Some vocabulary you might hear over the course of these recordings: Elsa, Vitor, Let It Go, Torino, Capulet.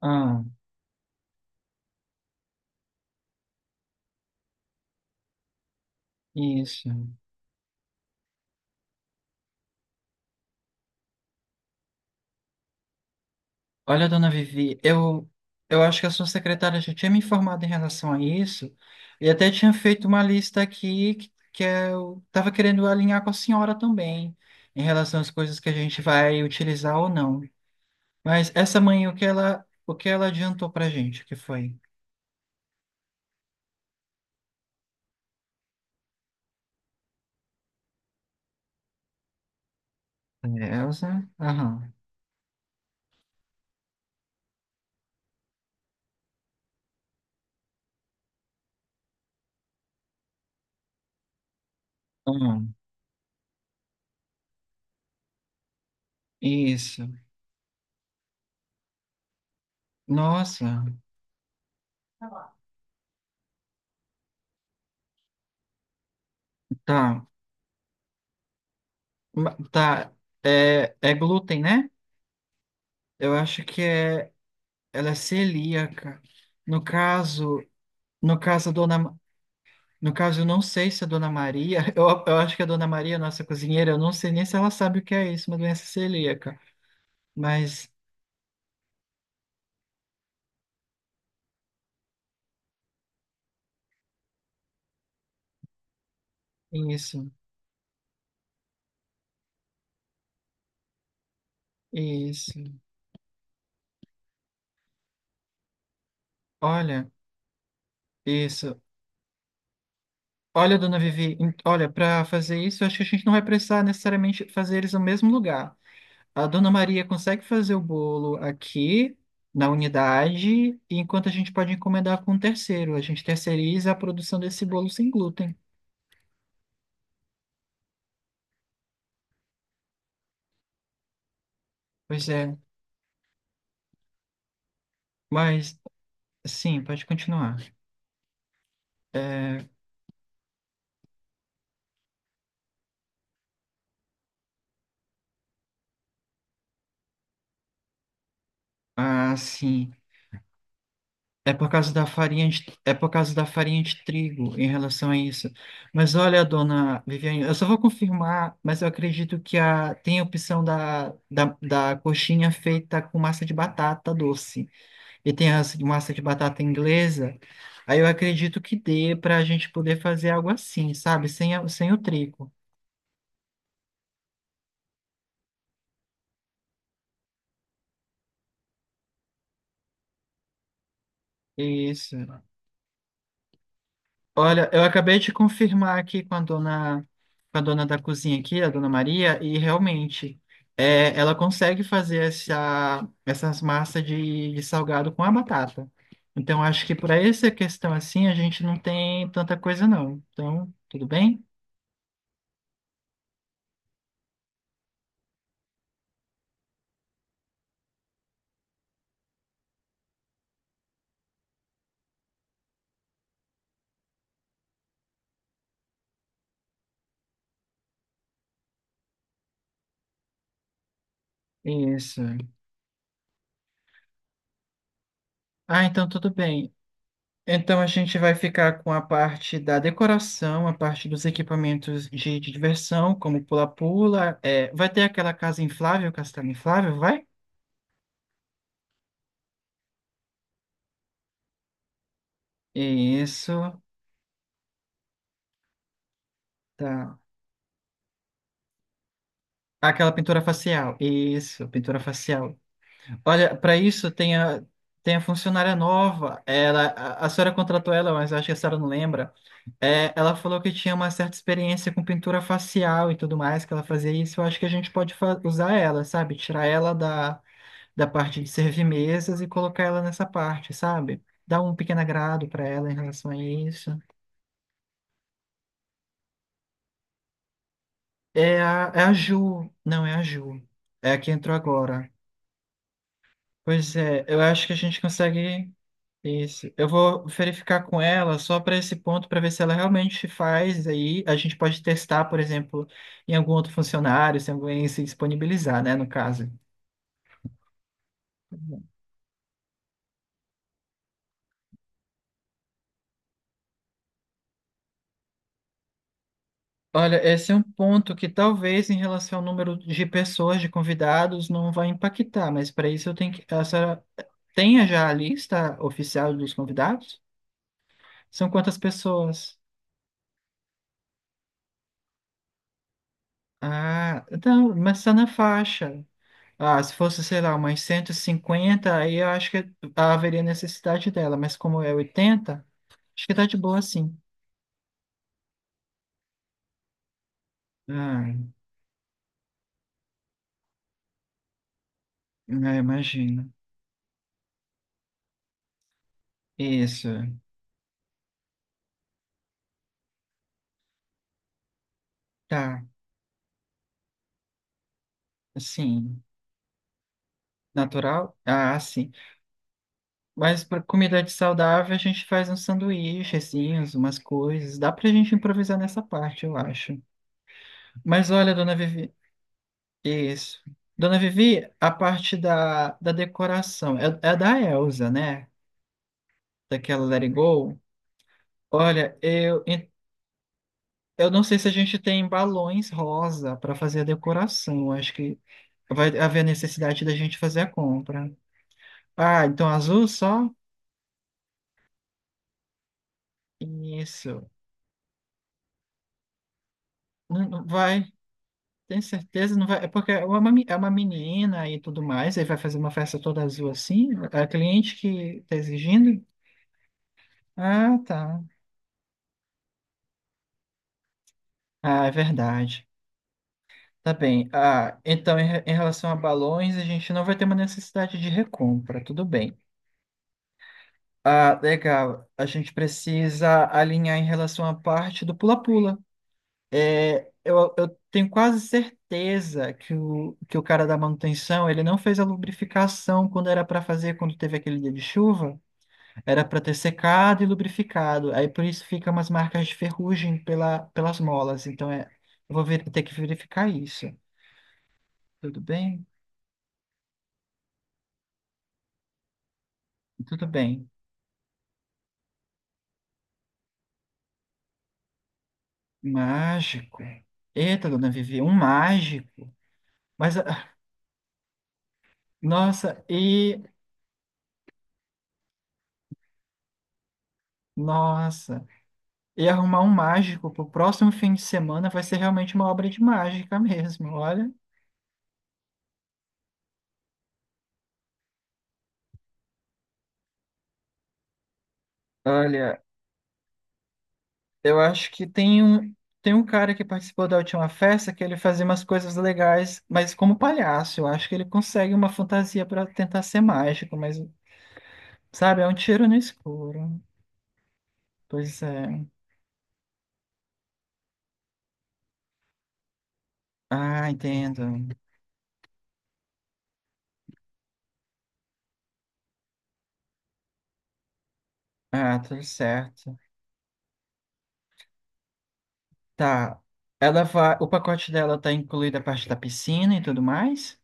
Ah, isso. Olha, dona Vivi, eu acho que a sua secretária já tinha me informado em relação a isso e até tinha feito uma lista aqui que eu estava querendo alinhar com a senhora também em relação às coisas que a gente vai utilizar ou não. Mas essa manhã, o que ela adiantou pra gente, o que foi? Elsa? Aham. Aham. Isso. Nossa. Tá. Tá. É, é glúten, né? Eu acho que é. Ela é celíaca. No caso, no caso, a dona, Ma- no caso, eu não sei se a dona Maria, eu acho que a dona Maria, nossa cozinheira, eu não sei nem se ela sabe o que é isso, uma doença celíaca. Mas isso, isso. Olha, isso. Olha, dona Vivi, olha, para fazer isso, eu acho que a gente não vai precisar necessariamente fazer eles no mesmo lugar. A dona Maria consegue fazer o bolo aqui na unidade, enquanto a gente pode encomendar com um terceiro. A gente terceiriza a produção desse bolo sem glúten. Pois é, mas sim, pode continuar. Ah, sim. É por causa da farinha de, é por causa da farinha de trigo em relação a isso. Mas olha, dona Viviane, eu só vou confirmar, mas eu acredito que tem a opção da coxinha feita com massa de batata doce. E tem a massa de batata inglesa. Aí eu acredito que dê para a gente poder fazer algo assim, sabe? Sem o trigo. Isso. Olha, eu acabei de confirmar aqui com a dona da cozinha aqui, a dona Maria, e realmente é, ela consegue fazer essas massas de salgado com a batata. Então acho que para essa questão assim a gente não tem tanta coisa não. Então, tudo bem? Isso. Ah, então tudo bem. Então a gente vai ficar com a parte da decoração, a parte dos equipamentos de diversão, como pula-pula. É, vai ter aquela casa inflável, castelo inflável, vai? Isso, tá. Aquela pintura facial. Isso, pintura facial. Olha, para isso tem tem a funcionária nova. A senhora contratou ela, mas acho que a senhora não lembra. É, ela falou que tinha uma certa experiência com pintura facial e tudo mais, que ela fazia isso. Eu acho que a gente pode usar ela, sabe? Tirar ela da parte de servir mesas e colocar ela nessa parte, sabe? Dar um pequeno agrado para ela em relação a isso. É a, é a Ju. Não, é a Ju. É a que entrou agora. Pois é, eu acho que a gente consegue isso. Eu vou verificar com ela só para esse ponto, para ver se ela realmente faz. Aí a gente pode testar, por exemplo, em algum outro funcionário, se alguém se disponibilizar, né, no caso. Olha, esse é um ponto que talvez em relação ao número de pessoas, de convidados, não vai impactar, mas para isso eu tenho que. A senhora tenha já a lista oficial dos convidados? São quantas pessoas? Ah, então, mas está na faixa. Ah, se fosse, sei lá, umas 150, aí eu acho que haveria necessidade dela, mas como é 80, acho que tá de boa sim. Ah, né, imagino. Isso, tá, assim, natural? Ah, sim. Mas para comida de saudável, a gente faz uns sanduíchezinhos, umas coisas, dá pra gente improvisar nessa parte, eu acho. Mas olha, dona Vivi, isso. Dona Vivi, a parte da decoração, é, é da Elsa, né? Daquela Let It Go. Olha, eu não sei se a gente tem balões rosa para fazer a decoração. Acho que vai haver necessidade da gente fazer a compra. Ah, então azul só? Isso. Não, não vai, tem certeza? Não vai. É porque é uma, é uma menina e tudo mais, aí vai fazer uma festa toda azul assim? É a cliente que está exigindo? Ah, tá. Ah, é verdade. Tá bem. Ah, então em relação a balões, a gente não vai ter uma necessidade de recompra, tudo bem. Ah, legal. A gente precisa alinhar em relação à parte do pula-pula. É, eu tenho quase certeza que o cara da manutenção, ele não fez a lubrificação quando era para fazer, quando teve aquele dia de chuva. Era para ter secado e lubrificado. Aí por isso fica umas marcas de ferrugem pelas molas. Então é, eu vou ter que verificar isso. Tudo bem? Tudo bem. Mágico. Eita, dona Vivi, um mágico. Mas, ah, nossa, e Nossa, e arrumar um mágico pro próximo fim de semana vai ser realmente uma obra de mágica mesmo, olha. Olha, eu acho que tem tem um cara que participou da última festa que ele fazia umas coisas legais, mas como palhaço, eu acho que ele consegue uma fantasia para tentar ser mágico, mas, sabe, é um tiro no escuro. Pois é. Ah, entendo. Ah, tudo certo. Tá. Ela vai, o pacote dela tá incluída a parte da piscina e tudo mais?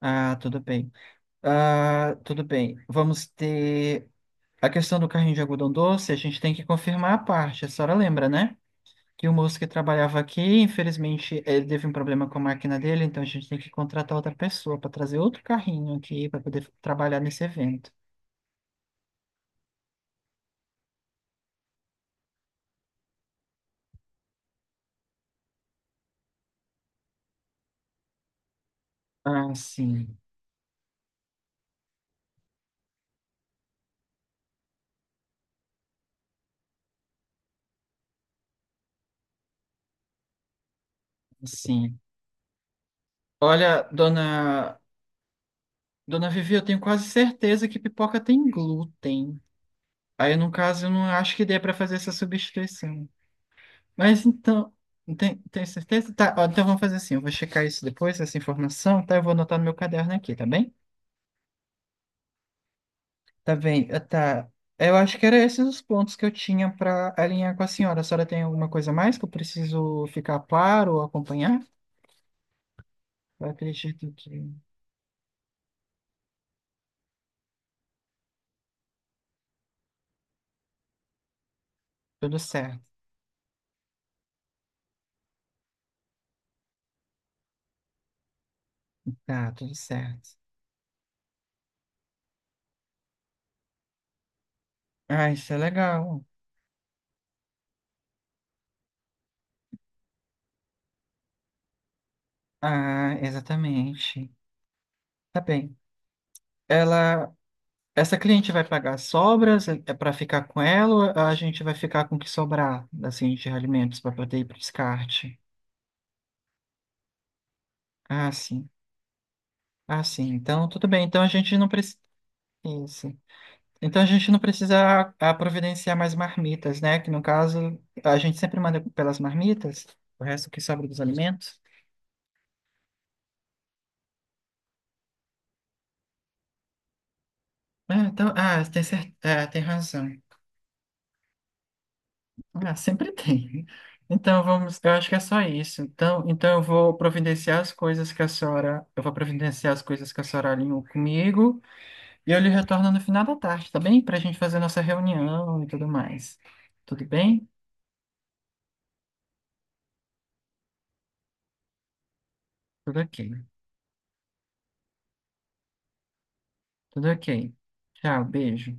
Ah, tudo bem. Ah, tudo bem. Vamos ter a questão do carrinho de algodão doce. A gente tem que confirmar a parte. A senhora lembra, né? Que o moço que trabalhava aqui, infelizmente, ele teve um problema com a máquina dele, então a gente tem que contratar outra pessoa para trazer outro carrinho aqui para poder trabalhar nesse evento. Ah, sim, sim. Olha, dona, dona Vivi, eu tenho quase certeza que pipoca tem glúten. Aí, no caso, eu não acho que dê para fazer essa substituição. Mas então, tem certeza? Tá, ó, então vamos fazer assim, eu vou checar isso depois, essa informação, tá? Eu vou anotar no meu caderno aqui, tá bem? Tá bem, tá. Eu acho que era esses os pontos que eu tinha para alinhar com a senhora. A senhora tem alguma coisa mais que eu preciso ficar claro ou acompanhar? Eu acredito que tudo certo. Tá, tudo certo. Ah, isso é legal. Ah, exatamente. Tá bem. Ela Essa cliente vai pagar as sobras é para ficar com ela ou a gente vai ficar com o que sobrar assim de alimentos para poder ir para o descarte? Ah, sim. Ah, sim. Então, tudo bem. Então a gente não precisa isso. Então a gente não precisa providenciar mais marmitas, né? Que no caso a gente sempre manda pelas marmitas, o resto que sobra dos alimentos. Ah, então, tem é, tem razão. Ah, sempre tem. Então vamos, eu acho que é só isso. Então, então eu vou providenciar as coisas que a senhora alinhou comigo e eu lhe retorno no final da tarde, tá bem? Para a gente fazer nossa reunião e tudo mais. Tudo bem? Tudo ok. Tudo ok. Tchau, beijo.